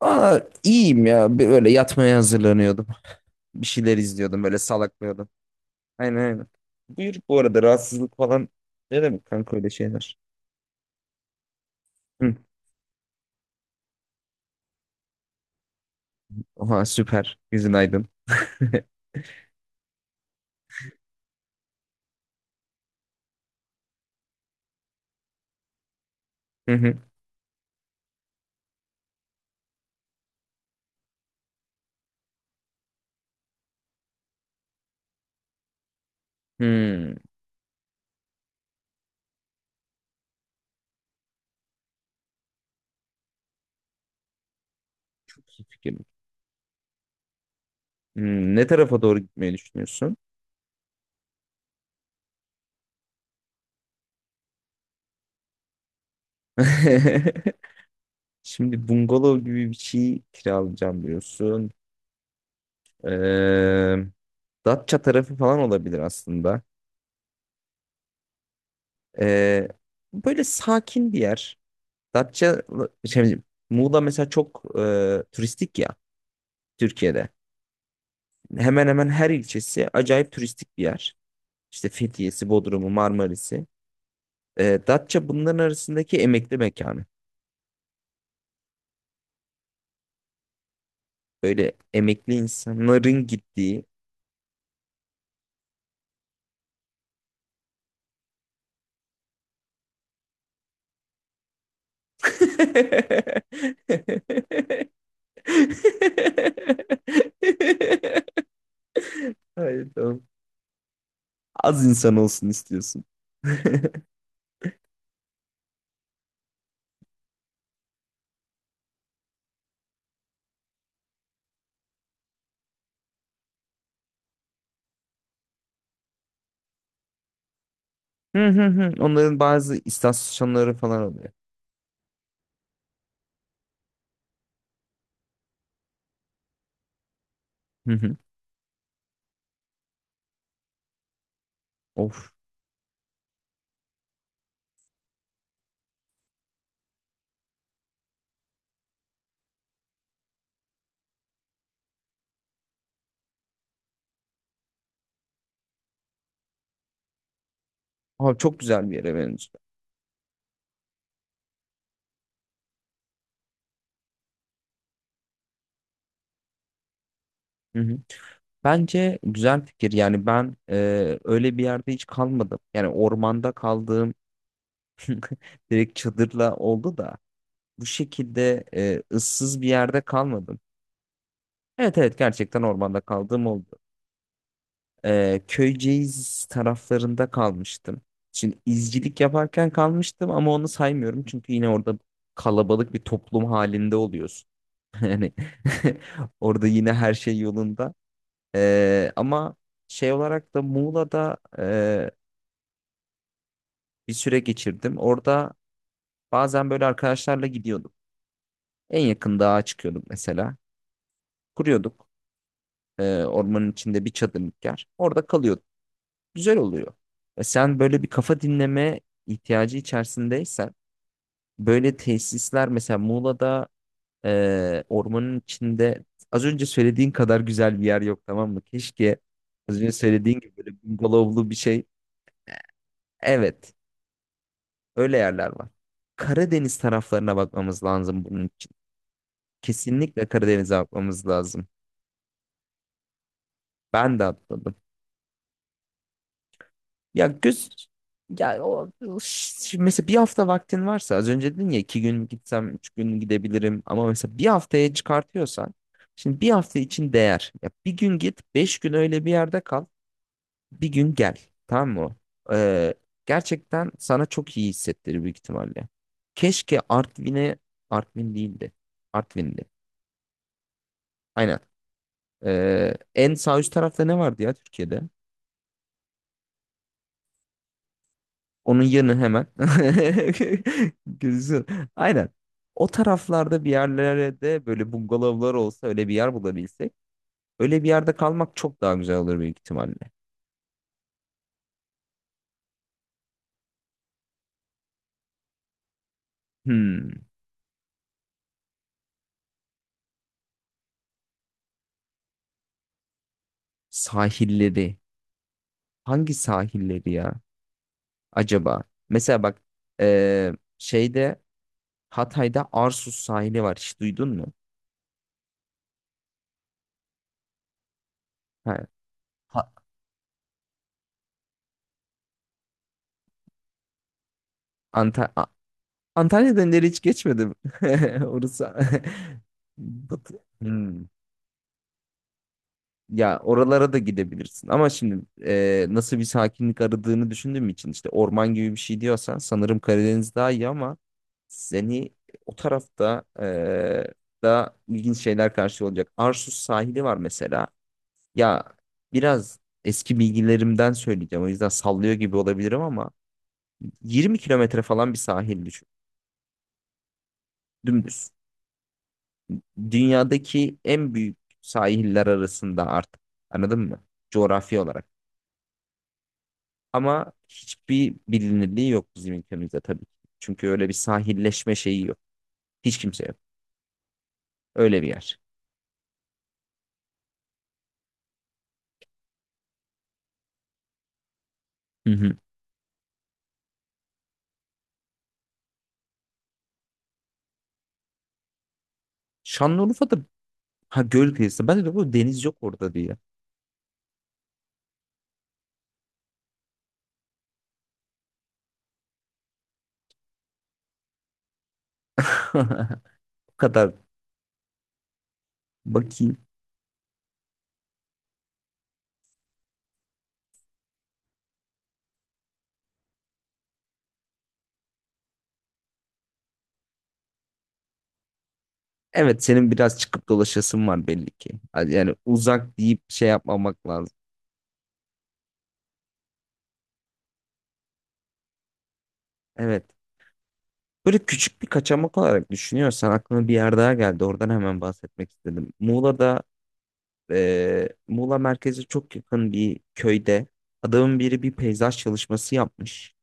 Aa, iyiyim ya. Böyle yatmaya hazırlanıyordum. Bir şeyler izliyordum. Böyle salaklıyordum. Aynen aynen. Buyur bu arada rahatsızlık falan. Ne demek kanka öyle şeyler? Hı. Oha süper. Yüzün aydın. Hı hı. Hmm, iyi fikir. Hmm, ne tarafa doğru gitmeyi düşünüyorsun? Şimdi bungalov gibi bir şey kiralayacağım diyorsun. Ee, Datça tarafı falan olabilir aslında. Ee, Böyle sakin bir yer. Datça, şey, Muğla mesela çok turistik ya Türkiye'de. Hemen hemen her ilçesi acayip turistik bir yer. İşte Fethiye'si, Bodrum'u, Marmaris'i. E, Datça bunların arasındaki emekli mekanı. Böyle emekli insanların gittiği. Hayır, tamam. Az insan olsun istiyorsun. Hı hı hı. Onların bazı istasyonları falan oluyor. Hı hı. Of. Abi çok güzel bir yere benziyor. Hı hı. Bence güzel fikir. Yani ben öyle bir yerde hiç kalmadım. Yani ormanda kaldığım direkt çadırla oldu da bu şekilde ıssız bir yerde kalmadım. Evet evet gerçekten ormanda kaldığım oldu. Köyceğiz taraflarında kalmıştım. Şimdi izcilik yaparken kalmıştım ama onu saymıyorum. Çünkü yine orada kalabalık bir toplum halinde oluyorsun. Yani orada yine her şey yolunda. Ama şey olarak da Muğla'da bir süre geçirdim. Orada bazen böyle arkadaşlarla gidiyorduk. En yakın dağa çıkıyorduk mesela. Kuruyorduk ormanın içinde bir çadırlık yer. Orada kalıyorduk. Güzel oluyor. E, sen böyle bir kafa dinleme ihtiyacı içerisindeysen böyle tesisler mesela Muğla'da ormanın içinde az önce söylediğin kadar güzel bir yer yok tamam mı? Keşke az önce söylediğin gibi böyle bungalovlu bir şey. Evet. Öyle yerler var. Karadeniz taraflarına bakmamız lazım bunun için. Kesinlikle Karadeniz'e bakmamız lazım. Ben de atladım. Ya göz ya o şimdi mesela bir hafta vaktin varsa az önce dedin ya iki gün gitsem üç gün gidebilirim ama mesela bir haftaya çıkartıyorsan şimdi bir hafta için değer. Ya bir gün git beş gün öyle bir yerde kal bir gün gel tamam mı? Ee, Gerçekten sana çok iyi hissettirir büyük ihtimalle. Keşke Artvin'e Artvin değildi. Artvin'di. Aynen. En sağ üst tarafta ne vardı ya Türkiye'de? Onun yanı hemen. Gözüküyor. Aynen. O taraflarda bir yerlerde böyle bungalovlar olsa öyle bir yer bulabilsek. Öyle bir yerde kalmak çok daha güzel olur büyük ihtimalle. Hmm. Sahilleri. Hangi sahilleri ya? Acaba? Mesela bak ee, şeyde Hatay'da Arsuz sahili var. Hiç duydun mu? Ha, Ha- Anta- Antalya Döneri hiç geçmedim. Orası Batı. Hmm. Ya oralara da gidebilirsin. Ama şimdi nasıl bir sakinlik aradığını düşündüğüm için işte orman gibi bir şey diyorsan sanırım Karadeniz daha iyi ama seni o tarafta da ilginç şeyler karşılıyor olacak. Arsuz sahili var mesela. Ya biraz eski bilgilerimden söyleyeceğim. O yüzden sallıyor gibi olabilirim ama 20 kilometre falan bir sahil düşün. Dümdüz. Dünyadaki en büyük sahiller arasında artık. Anladın mı? Coğrafi olarak. Ama hiçbir bilinirliği yok bizim ülkemizde tabii ki. Çünkü öyle bir sahilleşme şeyi yok. Hiç kimse yok. Öyle bir yer. Hı hı. Şanlıurfa'da ha göl kıyısı. Ben de bu deniz yok orada diye. Bu kadar bakayım. Evet senin biraz çıkıp dolaşasın var belli ki. Yani uzak deyip şey yapmamak lazım. Evet. Böyle küçük bir kaçamak olarak düşünüyorsan aklıma bir yer daha geldi. Oradan hemen bahsetmek istedim. Muğla'da Muğla merkeze çok yakın bir köyde adamın biri bir peyzaj çalışması yapmış.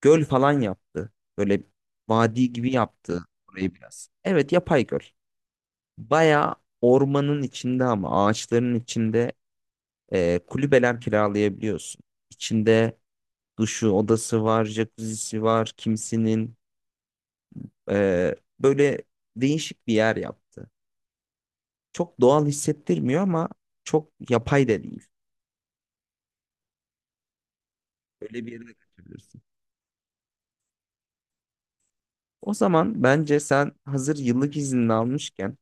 Göl falan yaptı. Böyle vadi gibi yaptı orayı biraz. Evet yapay göl. Baya ormanın içinde ama ağaçların içinde kulübeler kiralayabiliyorsun. İçinde duşu, odası var, jacuzzi'si var, kimisinin böyle değişik bir yer yaptı. Çok doğal hissettirmiyor ama çok yapay da değil. Öyle bir yere de kaçabilirsin. O zaman bence sen hazır yıllık iznini almışken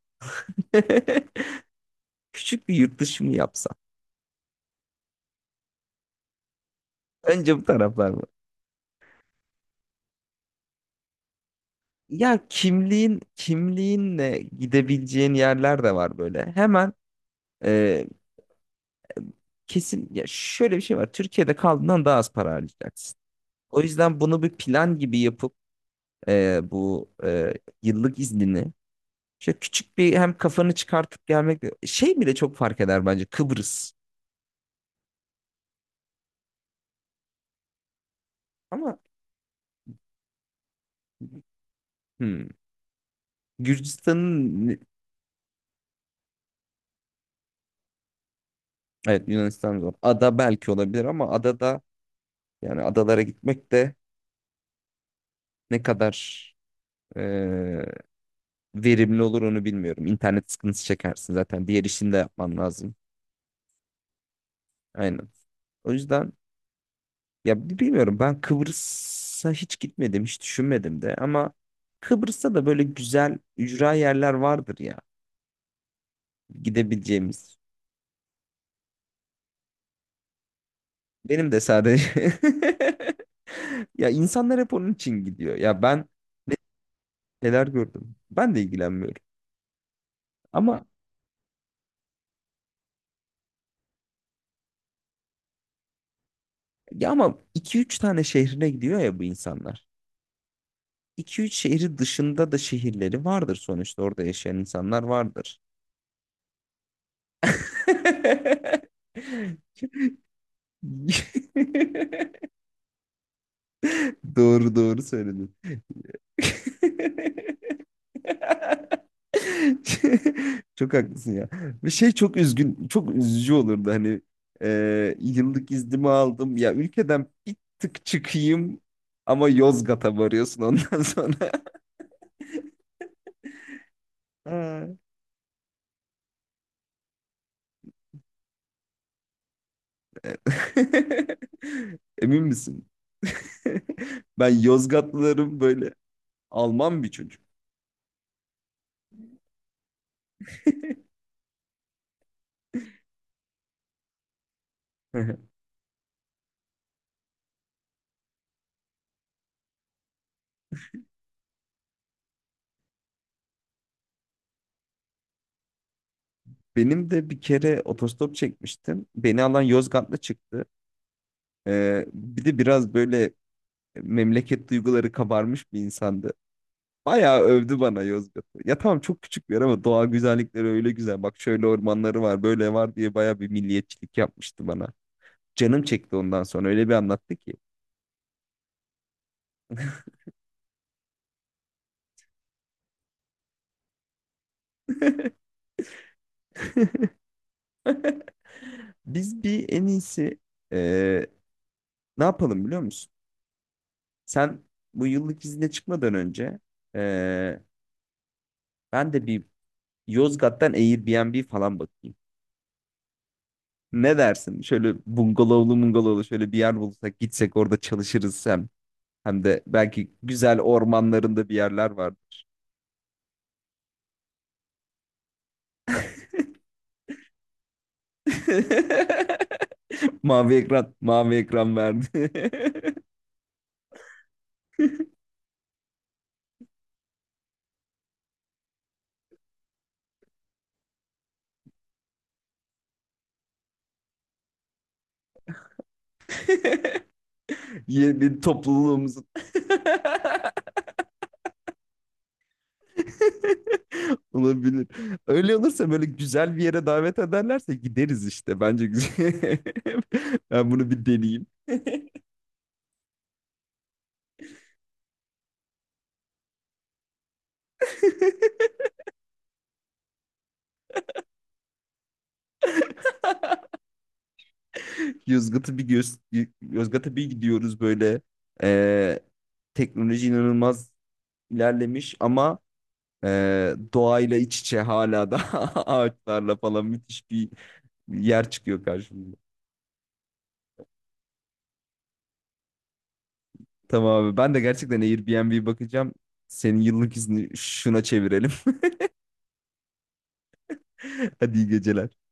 küçük bir yurt dışı mı yapsan? Önce bu taraflar mı? Ya kimliğinle gidebileceğin yerler de var böyle. Hemen e, kesin ya şöyle bir şey var. Türkiye'de kaldığından daha az para harcayacaksın. O yüzden bunu bir plan gibi yapıp e, bu e, yıllık iznini İşte küçük bir hem kafanı çıkartıp gelmek şey bile çok fark eder bence Kıbrıs. Ama hmm, Gürcistan'ın evet Yunanistan zor. Ada belki olabilir ama adada yani adalara gitmek de ne kadar e, verimli olur onu bilmiyorum. İnternet sıkıntısı çekersin zaten. Diğer işini de yapman lazım. Aynen. O yüzden ya bilmiyorum ben Kıbrıs'a hiç gitmedim, hiç düşünmedim de ama Kıbrıs'ta da böyle güzel ücra yerler vardır ya gidebileceğimiz. Benim de sadece. Ya insanlar hep onun için gidiyor. Ya ben neler gördüm. Ben de ilgilenmiyorum. Ama ama 2-3 tane şehrine gidiyor ya bu insanlar. 2 üç şehri dışında da şehirleri vardır sonuçta. Orada yaşayan insanlar vardır. Doğru doğru söyledin. Çok haklısın ya. Ve şey çok üzgün, çok üzücü olurdu hani yıllık iznimi aldım ya ülkeden bir tık çıkayım ama Yozgat'a varıyorsun ondan sonra. Ha. Emin misin? Ben Yozgatlılarım böyle Alman bir çocuk. Benim de bir kere otostop çekmiştim. Beni alan Yozgatlı çıktı. E, bir de biraz böyle memleket duyguları kabarmış bir insandı. Bayağı övdü bana Yozgat'ı. Ya tamam çok küçük bir yer ama doğa güzellikleri öyle güzel. Bak şöyle ormanları var, böyle var diye bayağı bir milliyetçilik yapmıştı bana. Canım çekti ondan sonra öyle bir anlattı ki. Biz bir en iyisi eee, ne yapalım biliyor musun? Sen bu yıllık izne çıkmadan önce eee, ben de bir Yozgat'tan Airbnb falan bakayım. Ne dersin? Şöyle bungalovlu şöyle bir yer bulsak gitsek orada çalışırız hem. Hem de belki güzel ormanlarında bir yerler var. Mavi ekran, mavi ekran verdi. Yeni topluluğumuzun. Olabilir. Öyle olursa böyle güzel bir yere davet ederlerse gideriz işte. Bence güzel. Ben bunu bir deneyeyim. Yozgat'a bir göz, Yozgat'a bir gidiyoruz böyle. Ee, Teknoloji inanılmaz ilerlemiş ama e, doğayla iç içe hala da ağaçlarla falan müthiş bir yer çıkıyor karşımıza. Tamam abi ben de gerçekten Airbnb bakacağım. Senin yıllık izni şuna çevirelim. Hadi iyi geceler.